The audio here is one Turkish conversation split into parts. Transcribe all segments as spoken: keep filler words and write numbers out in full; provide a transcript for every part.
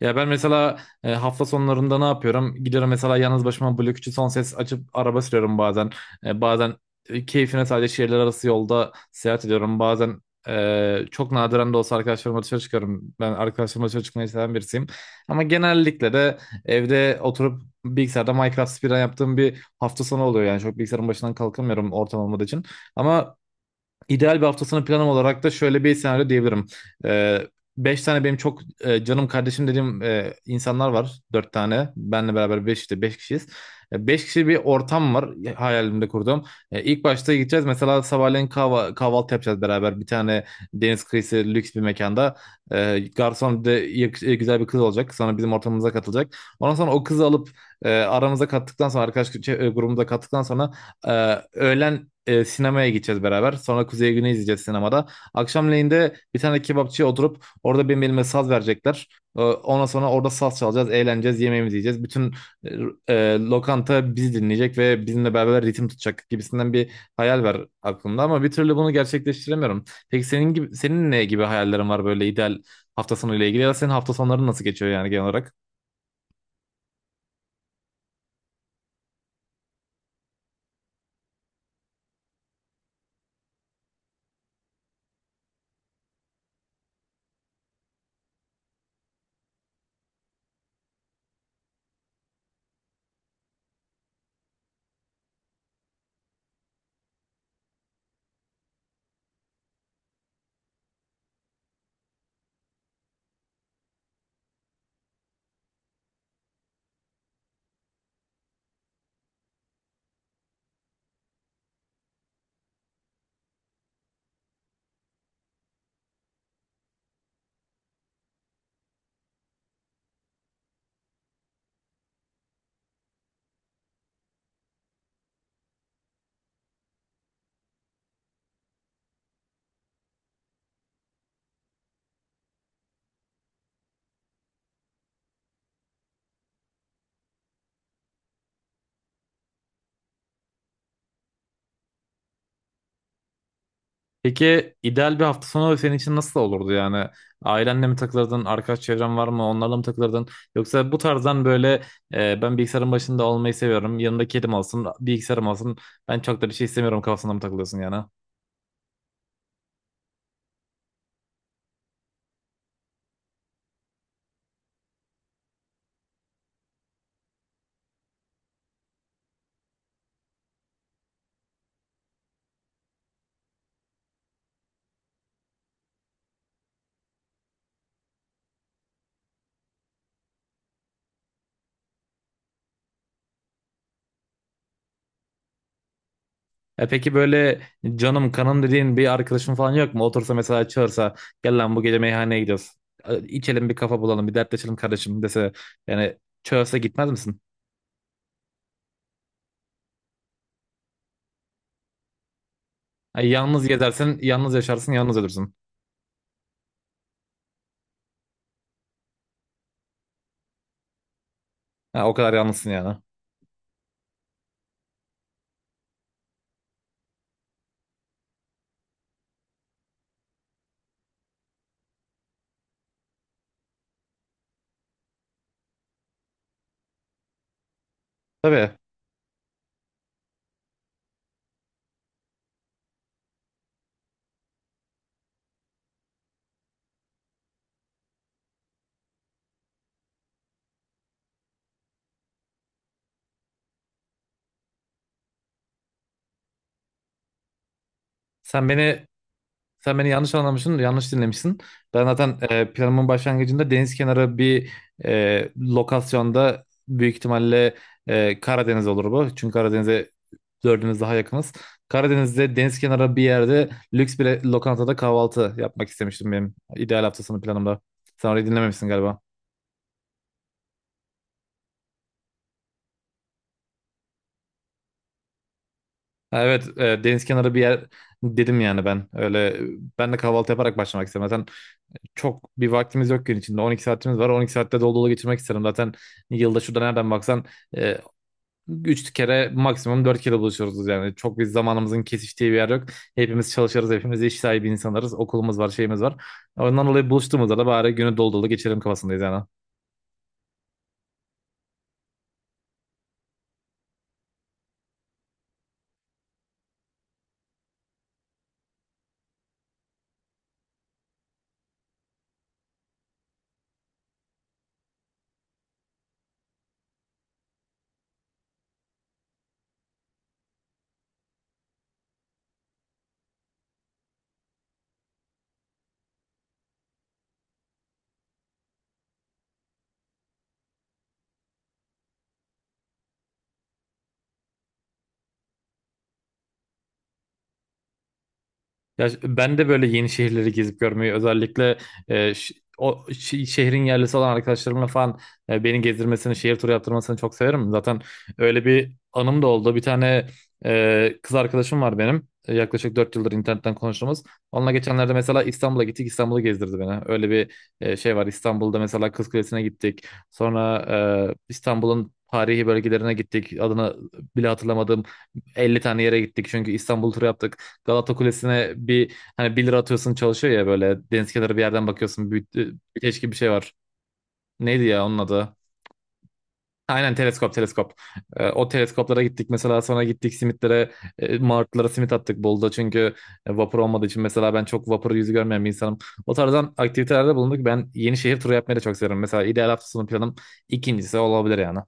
Ya ben mesela e, hafta sonlarında ne yapıyorum? Gidiyorum mesela yalnız başıma Blok üçü son ses açıp araba sürüyorum bazen. E, bazen e, keyfine sadece şehirler arası yolda seyahat ediyorum. Bazen e, çok nadiren de olsa arkadaşlarımla dışarı çıkıyorum. Ben arkadaşlarımla dışarı çıkmayı seven birisiyim. Ama genellikle de evde oturup bilgisayarda Minecraft speedrun yaptığım bir hafta sonu oluyor. Yani çok bilgisayarın başından kalkamıyorum ortam olmadığı için. Ama İdeal bir haftasını planım olarak da şöyle bir senaryo diyebilirim. Ee, Beş tane benim çok e, canım kardeşim dediğim e, insanlar var. Dört tane. Benle beraber beş işte beş kişiyiz. E, beş kişi bir ortam var e, hayalimde kurduğum. E, ilk başta gideceğiz. Mesela sabahleyin kahva- kahvaltı yapacağız beraber. Bir tane deniz kıyısı lüks bir mekanda. E, garson bir de yak- e, güzel bir kız olacak. Sonra bizim ortamımıza katılacak. Ondan sonra o kızı alıp e, aramıza kattıktan sonra arkadaş çe- e, grubumuza kattıktan sonra ee, öğlen e, sinemaya gideceğiz beraber. Sonra Kuzey Güney izleyeceğiz sinemada. Akşamleyin de bir tane kebapçıya oturup orada benim elime saz verecekler. Ee, ondan sonra orada saz çalacağız, eğleneceğiz, yemeğimizi yiyeceğiz. Bütün e, e, lokanta bizi dinleyecek ve bizimle beraber ritim tutacak gibisinden bir hayal var aklımda ama bir türlü bunu gerçekleştiremiyorum. Peki senin gibi senin ne gibi hayallerin var böyle ideal hafta sonu ile ilgili ya da senin hafta sonların nasıl geçiyor yani genel olarak? Peki ideal bir hafta sonu senin için nasıl olurdu yani? Ailenle mi takılırdın, arkadaş çevren var mı, onlarla mı takılırdın? Yoksa bu tarzdan böyle e, ben bilgisayarın başında olmayı seviyorum, yanımda kedim olsun, bilgisayarım olsun, ben çok da bir şey istemiyorum kafasında mı takılıyorsun yani? E peki böyle canım kanım dediğin bir arkadaşın falan yok mu? Otursa mesela çağırsa gel lan bu gece meyhaneye gidiyoruz. E, İçelim bir kafa bulalım, bir dertleşelim kardeşim dese yani çağırsa gitmez misin? Ay, yalnız gezersin, yalnız yaşarsın, yalnız ölürsün. Ha, o kadar yalnızsın yani. Tabii. Sen beni sen beni yanlış anlamışsın, yanlış dinlemişsin. Ben zaten e, planımın başlangıcında deniz kenarı bir e, lokasyonda büyük ihtimalle e, Karadeniz olur bu. Çünkü Karadeniz'e dördümüz daha yakınız. Karadeniz'de deniz kenarı bir yerde lüks bir lokantada kahvaltı yapmak istemiştim benim ideal hafta sonu planımda. Sen orayı dinlememişsin galiba. Ha, evet, e, deniz kenarı bir yer dedim yani ben. Öyle e, ben de kahvaltı yaparak başlamak istedim zaten. Çok bir vaktimiz yok gün içinde. on iki saatimiz var. on iki saatte dolu dolu geçirmek isterim. Zaten yılda şurada nereden baksan e, üç kere maksimum dört kere buluşuyoruz yani. Çok bir zamanımızın kesiştiği bir yer yok. Hepimiz çalışırız. Hepimiz iş sahibi insanlarız. Okulumuz var, şeyimiz var. Ondan dolayı buluştuğumuzda da bari günü dolu dolu geçirelim kafasındayız yani. Ya ş- ben de böyle yeni şehirleri gezip görmeyi özellikle e, ş- o ş- şehrin yerlisi olan arkadaşlarımla falan e, beni gezdirmesini, şehir turu yaptırmasını çok severim. Zaten öyle bir anım da oldu. Bir tane e, kız arkadaşım var benim. E, Yaklaşık dört yıldır internetten konuştuğumuz. Onunla geçenlerde mesela İstanbul'a gittik. İstanbul'u gezdirdi beni. Öyle bir e, şey var. İstanbul'da mesela Kız Kulesi'ne gittik. Sonra e, İstanbul'un tarihi bölgelerine gittik. Adını bile hatırlamadığım Elli tane yere gittik. Çünkü İstanbul turu yaptık. Galata Kulesi'ne bir hani bir lira atıyorsun çalışıyor ya böyle deniz kenarı bir yerden bakıyorsun büyük, büyüteç gibi bir şey var. Neydi ya onun adı? Aynen teleskop teleskop. Ee, o teleskoplara gittik mesela sonra gittik simitlere e, martılara simit attık Bolu'da çünkü e, vapur olmadığı için mesela ben çok vapur yüzü görmeyen bir insanım. O tarzdan aktivitelerde bulunduk. Ben yeni şehir turu yapmayı da çok severim. Mesela ideal hafta sonu planım ikincisi olabilir yani.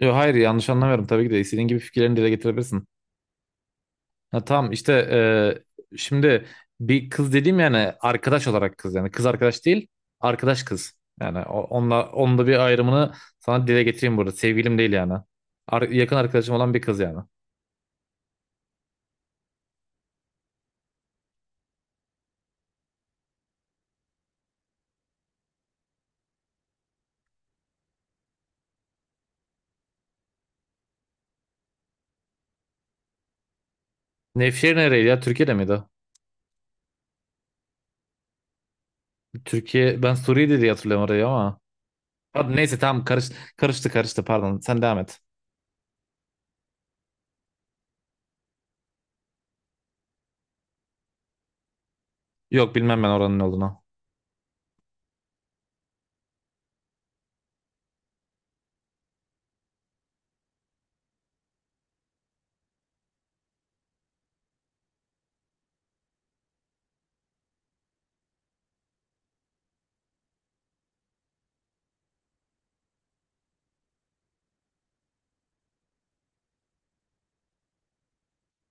Yo, hayır yanlış anlamıyorum. Tabii ki de istediğin gibi fikirlerini dile getirebilirsin. Ha, tamam işte e, şimdi bir kız dediğim yani arkadaş olarak kız yani kız arkadaş değil arkadaş kız. Yani o- onunla onun da bir ayrımını sana dile getireyim burada. Sevgilim değil yani. Ar- yakın arkadaşım olan bir kız yani. Nevşehir nereydi ya? Türkiye'de miydi? O? Türkiye, ben Suriye'de diye hatırlıyorum orayı ama. Hadi neyse tamam karış, karıştı karıştı pardon sen devam et. Yok bilmem ben oranın ne olduğunu.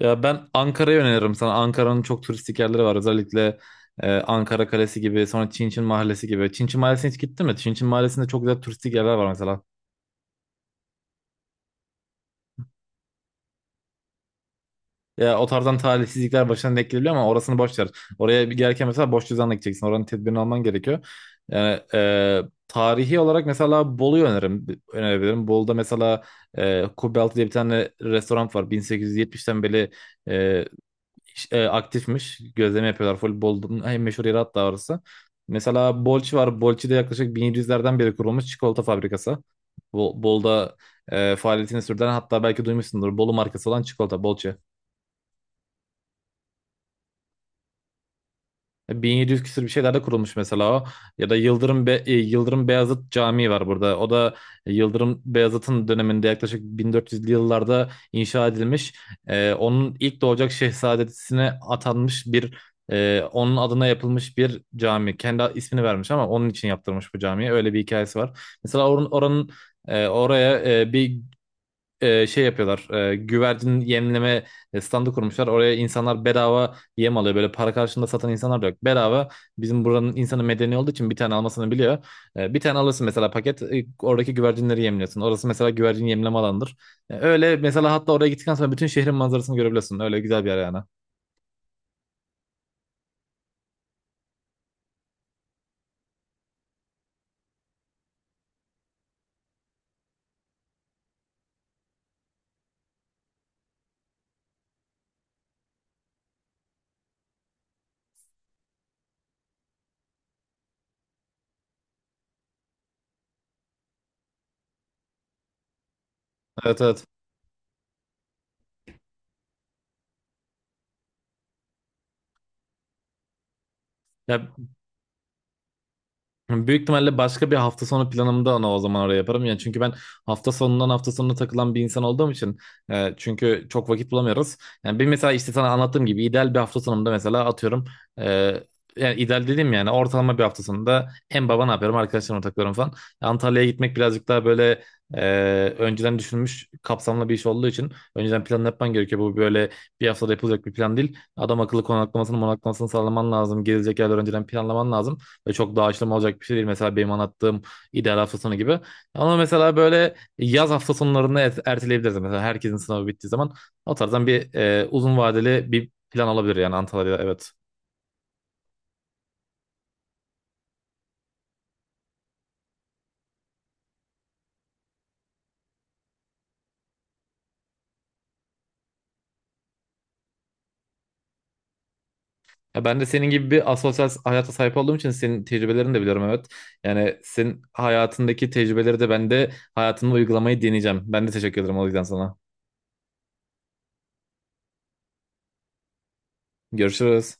Ya ben Ankara'yı öneririm sana. Ankara'nın çok turistik yerleri var. Özellikle e, Ankara Kalesi gibi, sonra Çin Çin Mahallesi gibi. Çin Çin Mahallesi'ne hiç gittin mi? Çin Çin Mahallesi'nde çok güzel turistik yerler var mesela. Ya o tarzdan talihsizlikler başına denk gelebiliyor ama orasını boş ver. Oraya bir gelirken mesela boş cüzdanla gideceksin. Oranın tedbirini alman gerekiyor. Yani e, tarihi olarak mesela Bolu'yu öneririm, önerebilirim. Bolu'da mesela e, Kubbe Altı diye bir tane restoran var. bin sekiz yüz yetmişten beri e, e, aktifmiş. Gözleme yapıyorlar. Voleybolun en meşhur yeri hatta orası. Mesela Bolçi var. Bolçi'de yaklaşık bin yedi yüzlerden beri kurulmuş çikolata fabrikası. Bo- Bol'da e, faaliyetini sürdüren hatta belki duymuşsundur. Bolu markası olan çikolata Bolçi. bin yedi yüz küsur bir şeylerde kurulmuş mesela o. Ya da Yıldırım Be- e, Yıldırım Beyazıt Camii var burada. O da e, Yıldırım Beyazıt'ın döneminde yaklaşık bin dört yüzlü yıllarda inşa edilmiş. E, onun ilk doğacak şehzadesine atanmış bir e, onun adına yapılmış bir cami. Kendi ismini vermiş ama onun için yaptırmış bu camiyi. Öyle bir hikayesi var. Mesela oranın, oranın e, oraya e, bir e, şey yapıyorlar. E, güvercin yemleme standı kurmuşlar. Oraya insanlar bedava yem alıyor. Böyle para karşılığında satan insanlar da yok. Bedava bizim buranın insanı medeni olduğu için bir tane almasını biliyor. E, bir tane alırsın mesela paket. E, oradaki güvercinleri yemliyorsun. Orası mesela güvercin yemleme alanıdır. E, öyle mesela hatta oraya gittikten sonra bütün şehrin manzarasını görebiliyorsun. Öyle güzel bir yer yani. Evet, evet. Ya büyük ihtimalle başka bir hafta sonu planımda onu o zaman oraya yaparım. Yani çünkü ben hafta sonundan hafta sonuna takılan bir insan olduğum için e, çünkü çok vakit bulamıyoruz. Yani benim mesela işte sana anlattığım gibi ideal bir hafta sonunda mesela atıyorum e, yani ideal dedim yani ortalama bir hafta sonunda en baba ne yapıyorum arkadaşlarımla takılıyorum falan. Antalya'ya gitmek birazcık daha böyle e, önceden düşünülmüş kapsamlı bir iş olduğu için önceden planını yapman gerekiyor. Bu böyle bir haftada yapılacak bir plan değil. Adam akıllı konaklamasını monaklamasını sağlaman lazım. Gezilecek yerler önceden planlaman lazım. Ve çok da aşılama olacak bir şey değil. Mesela benim anlattığım ideal hafta sonu gibi. Ama mesela böyle yaz hafta sonlarını et- erteleyebiliriz. Mesela herkesin sınavı bittiği zaman o tarzdan bir e, uzun vadeli bir plan olabilir yani Antalya'da evet. Ya ben de senin gibi bir asosyal hayata sahip olduğum için senin tecrübelerini de biliyorum evet. Yani senin hayatındaki tecrübeleri de ben de hayatımda uygulamayı deneyeceğim. Ben de teşekkür ederim o yüzden sana. Görüşürüz.